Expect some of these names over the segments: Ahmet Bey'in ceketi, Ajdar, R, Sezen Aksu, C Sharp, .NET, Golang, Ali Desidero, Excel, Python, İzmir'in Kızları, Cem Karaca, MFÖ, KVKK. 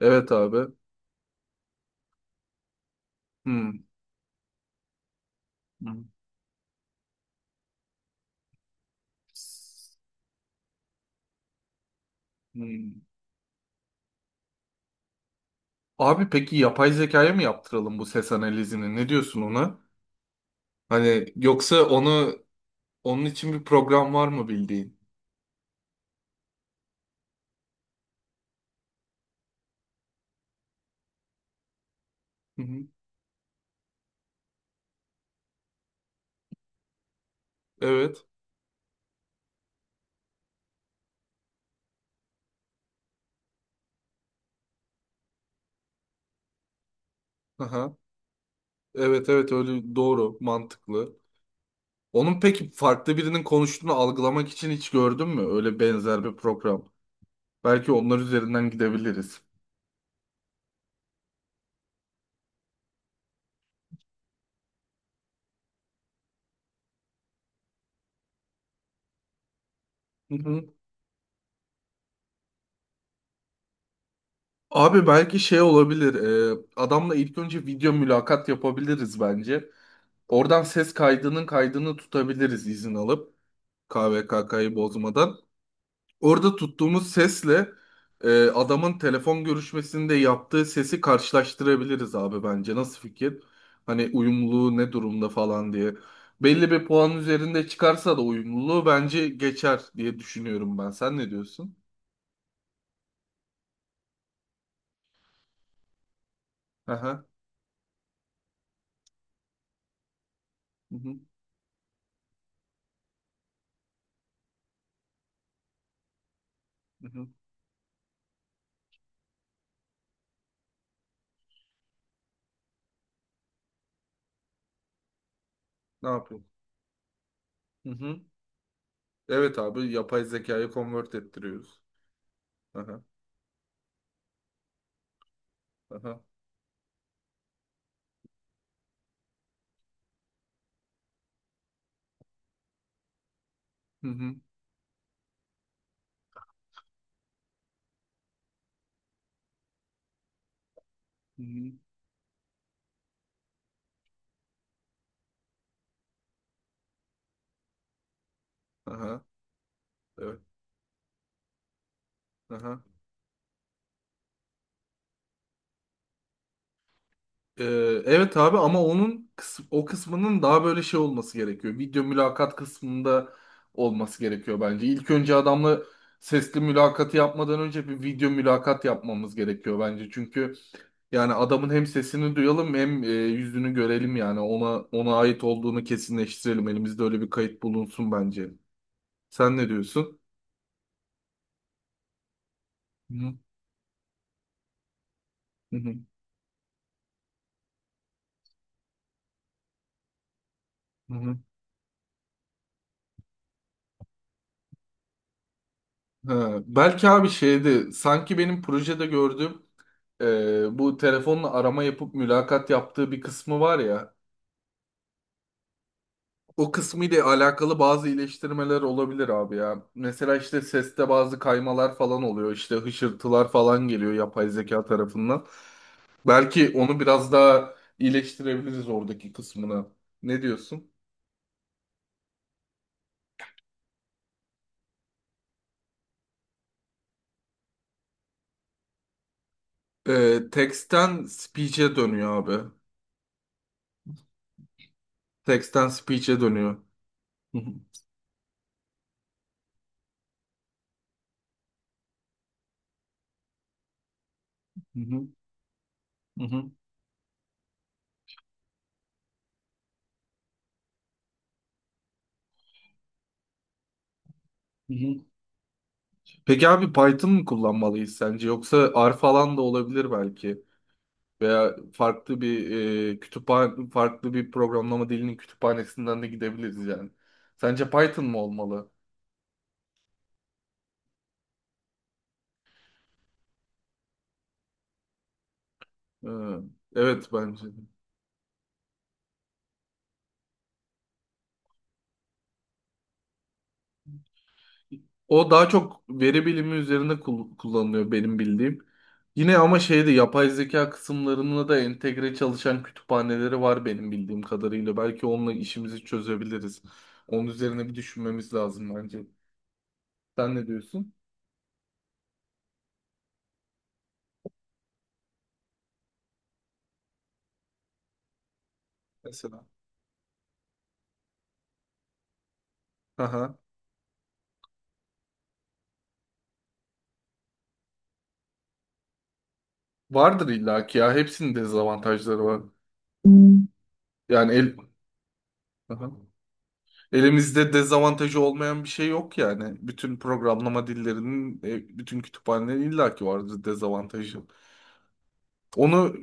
Evet abi. Hmm. Hmm. Hmm. Abi peki yapay zekaya mı yaptıralım bu ses analizini? Ne diyorsun ona? Hani yoksa onu onun için bir program var mı bildiğin? Hı hı. Evet. Aha. Evet evet, öyle, doğru, mantıklı. Onun peki farklı birinin konuştuğunu algılamak için hiç gördün mü? Öyle benzer bir program. Belki onlar üzerinden gidebiliriz. Abi belki şey olabilir. Adamla ilk önce video mülakat yapabiliriz bence. Oradan ses kaydının kaydını tutabiliriz, izin alıp KVKK'yı bozmadan. Orada tuttuğumuz sesle adamın telefon görüşmesinde yaptığı sesi karşılaştırabiliriz abi bence. Nasıl fikir? Hani uyumluluğu ne durumda falan diye. Belli bir puan üzerinde çıkarsa da uyumluluğu bence geçer diye düşünüyorum ben. Sen ne diyorsun? Aha. Hı hı. Hı hı. Ne yapıyorsun? Evet abi, yapay zekayı convert ettiriyoruz. Aha, aha. Hı hı, hı hı. Aha, evet. Aha. Ee, evet abi, ama onun o kısmının daha böyle şey olması gerekiyor. Video mülakat kısmında olması gerekiyor bence. İlk önce adamla sesli mülakatı yapmadan önce bir video mülakat yapmamız gerekiyor bence. Çünkü yani adamın hem sesini duyalım, hem yüzünü görelim, yani ona ait olduğunu kesinleştirelim. Elimizde öyle bir kayıt bulunsun bence. Sen ne diyorsun? Hı hı. Hı hı. Ha, belki abi şeydi, sanki benim projede gördüğüm, bu telefonla arama yapıp mülakat yaptığı bir kısmı var ya, o kısmı ile alakalı bazı iyileştirmeler olabilir abi ya. Mesela işte seste bazı kaymalar falan oluyor, işte hışırtılar falan geliyor yapay zeka tarafından. Belki onu biraz daha iyileştirebiliriz, oradaki kısmına. Ne diyorsun? Text'ten speech'e dönüyor abi. Text'ten speech'e dönüyor. Hı hı. Hı hı. Hı hı. Hı hı. Peki abi, Python mı kullanmalıyız sence? Yoksa R falan da olabilir belki. Veya farklı bir kütüphane, farklı bir programlama dilinin kütüphanesinden de gidebiliriz yani. Sence Python mı olmalı? Ee, evet bence. De. O daha çok veri bilimi üzerinde kullanılıyor benim bildiğim. Yine ama şeyde yapay zeka kısımlarına da entegre çalışan kütüphaneleri var benim bildiğim kadarıyla. Belki onunla işimizi çözebiliriz. Onun üzerine bir düşünmemiz lazım bence. Sen ne diyorsun? Mesela. Aha. Vardır illaki ya. Hepsinin dezavantajları var. Yani el, aha. Elimizde dezavantajı olmayan bir şey yok yani. Bütün programlama dillerinin, bütün kütüphanelerin illaki vardır dezavantajı. Onu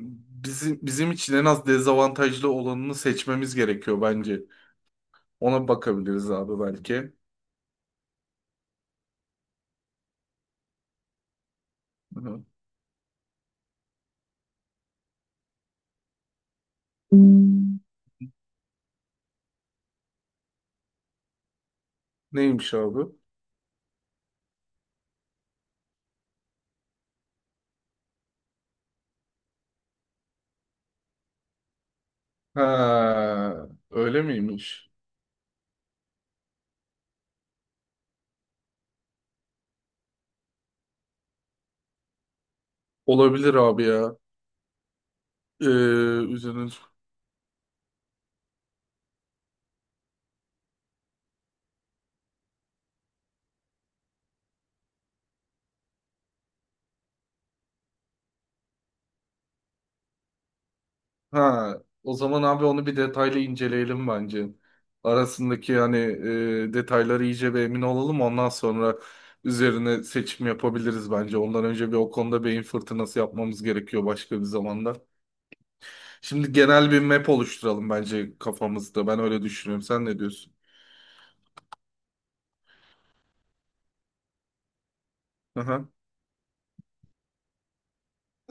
bizim için en az dezavantajlı olanını seçmemiz gerekiyor bence. Ona bakabiliriz abi belki. Aha. Neymiş abi? Ha, öyle miymiş? Olabilir abi ya. Ee, üzerine Ha, o zaman abi onu bir detaylı inceleyelim bence. Arasındaki hani detayları iyice bir emin olalım. Ondan sonra üzerine seçim yapabiliriz bence. Ondan önce bir o konuda beyin fırtınası yapmamız gerekiyor, başka bir zamanda. Şimdi genel bir map oluşturalım bence kafamızda. Ben öyle düşünüyorum. Sen ne diyorsun? Aha.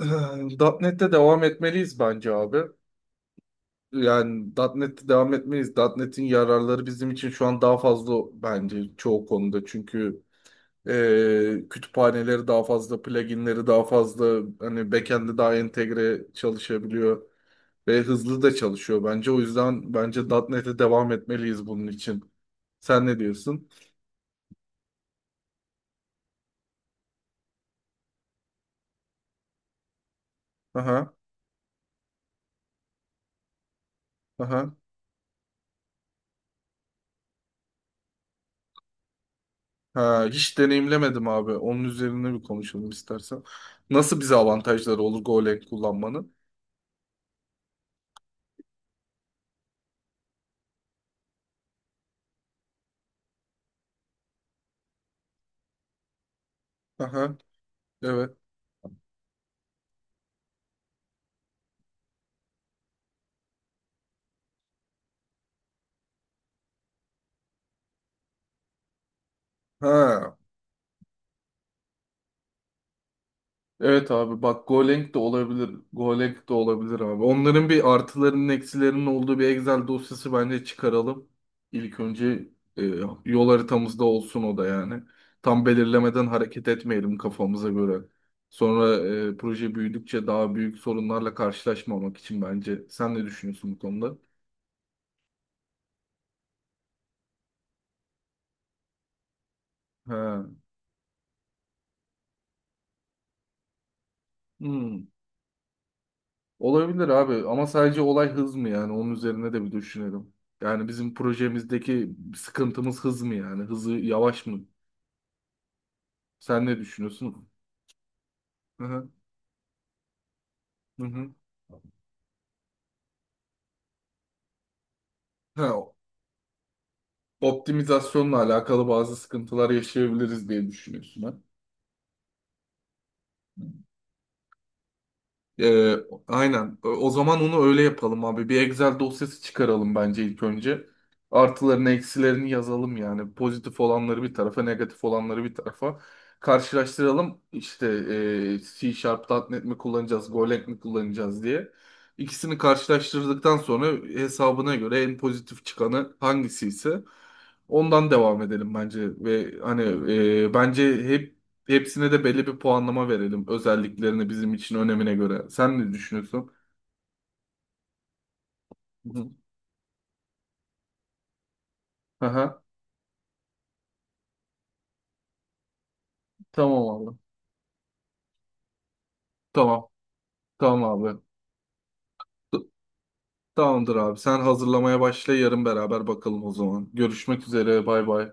.nokta .NET'te devam etmeliyiz bence abi. Yani .nokta .NET'te devam etmeliyiz. .nokta .NET'in yararları bizim için şu an daha fazla bence çoğu konuda. Çünkü kütüphaneleri daha fazla, pluginleri daha fazla, hani backend'i daha entegre çalışabiliyor ve hızlı da çalışıyor bence. O yüzden bence .nokta .NET'e devam etmeliyiz bunun için. Sen ne diyorsun? Aha, aha. Ha, hiç deneyimlemedim abi. Onun üzerine bir konuşalım istersen. Nasıl bize avantajları olur Golang kullanmanın? Aha, evet. Ha. Evet abi bak, Golang de olabilir. Golang de olabilir abi. Onların bir artılarının, eksilerinin olduğu bir Excel dosyası bence çıkaralım. İlk önce e, yol haritamızda olsun o da yani. Tam belirlemeden hareket etmeyelim kafamıza göre. Sonra proje büyüdükçe daha büyük sorunlarla karşılaşmamak için bence. Sen ne düşünüyorsun bu konuda? He. Hmm. Olabilir abi, ama sadece olay hız mı yani, onun üzerine de bir düşünelim. Yani bizim projemizdeki sıkıntımız hız mı, yani hızı yavaş mı? Sen ne düşünüyorsun? Hı hı. Hı hı. Ha, optimizasyonla alakalı bazı sıkıntılar yaşayabiliriz diye düşünüyorsun ha. Ee, aynen. O zaman onu öyle yapalım abi. Bir Excel dosyası çıkaralım bence ilk önce. Artılarını, eksilerini yazalım yani. Pozitif olanları bir tarafa, negatif olanları bir tarafa. Karşılaştıralım. İşte C Sharp, nokta .NET mi kullanacağız, Golang mi kullanacağız diye. İkisini karşılaştırdıktan sonra hesabına göre en pozitif çıkanı hangisi ise ondan devam edelim bence. Ve hani, bence hepsine de belli bir puanlama verelim, özelliklerini bizim için önemine göre. Sen ne düşünüyorsun? Hı hı. Aha, tamam abi. Tamam. Tamam abi. T- Tamamdır abi. Sen hazırlamaya başla, yarın beraber bakalım o zaman. Görüşmek üzere. Bay bay.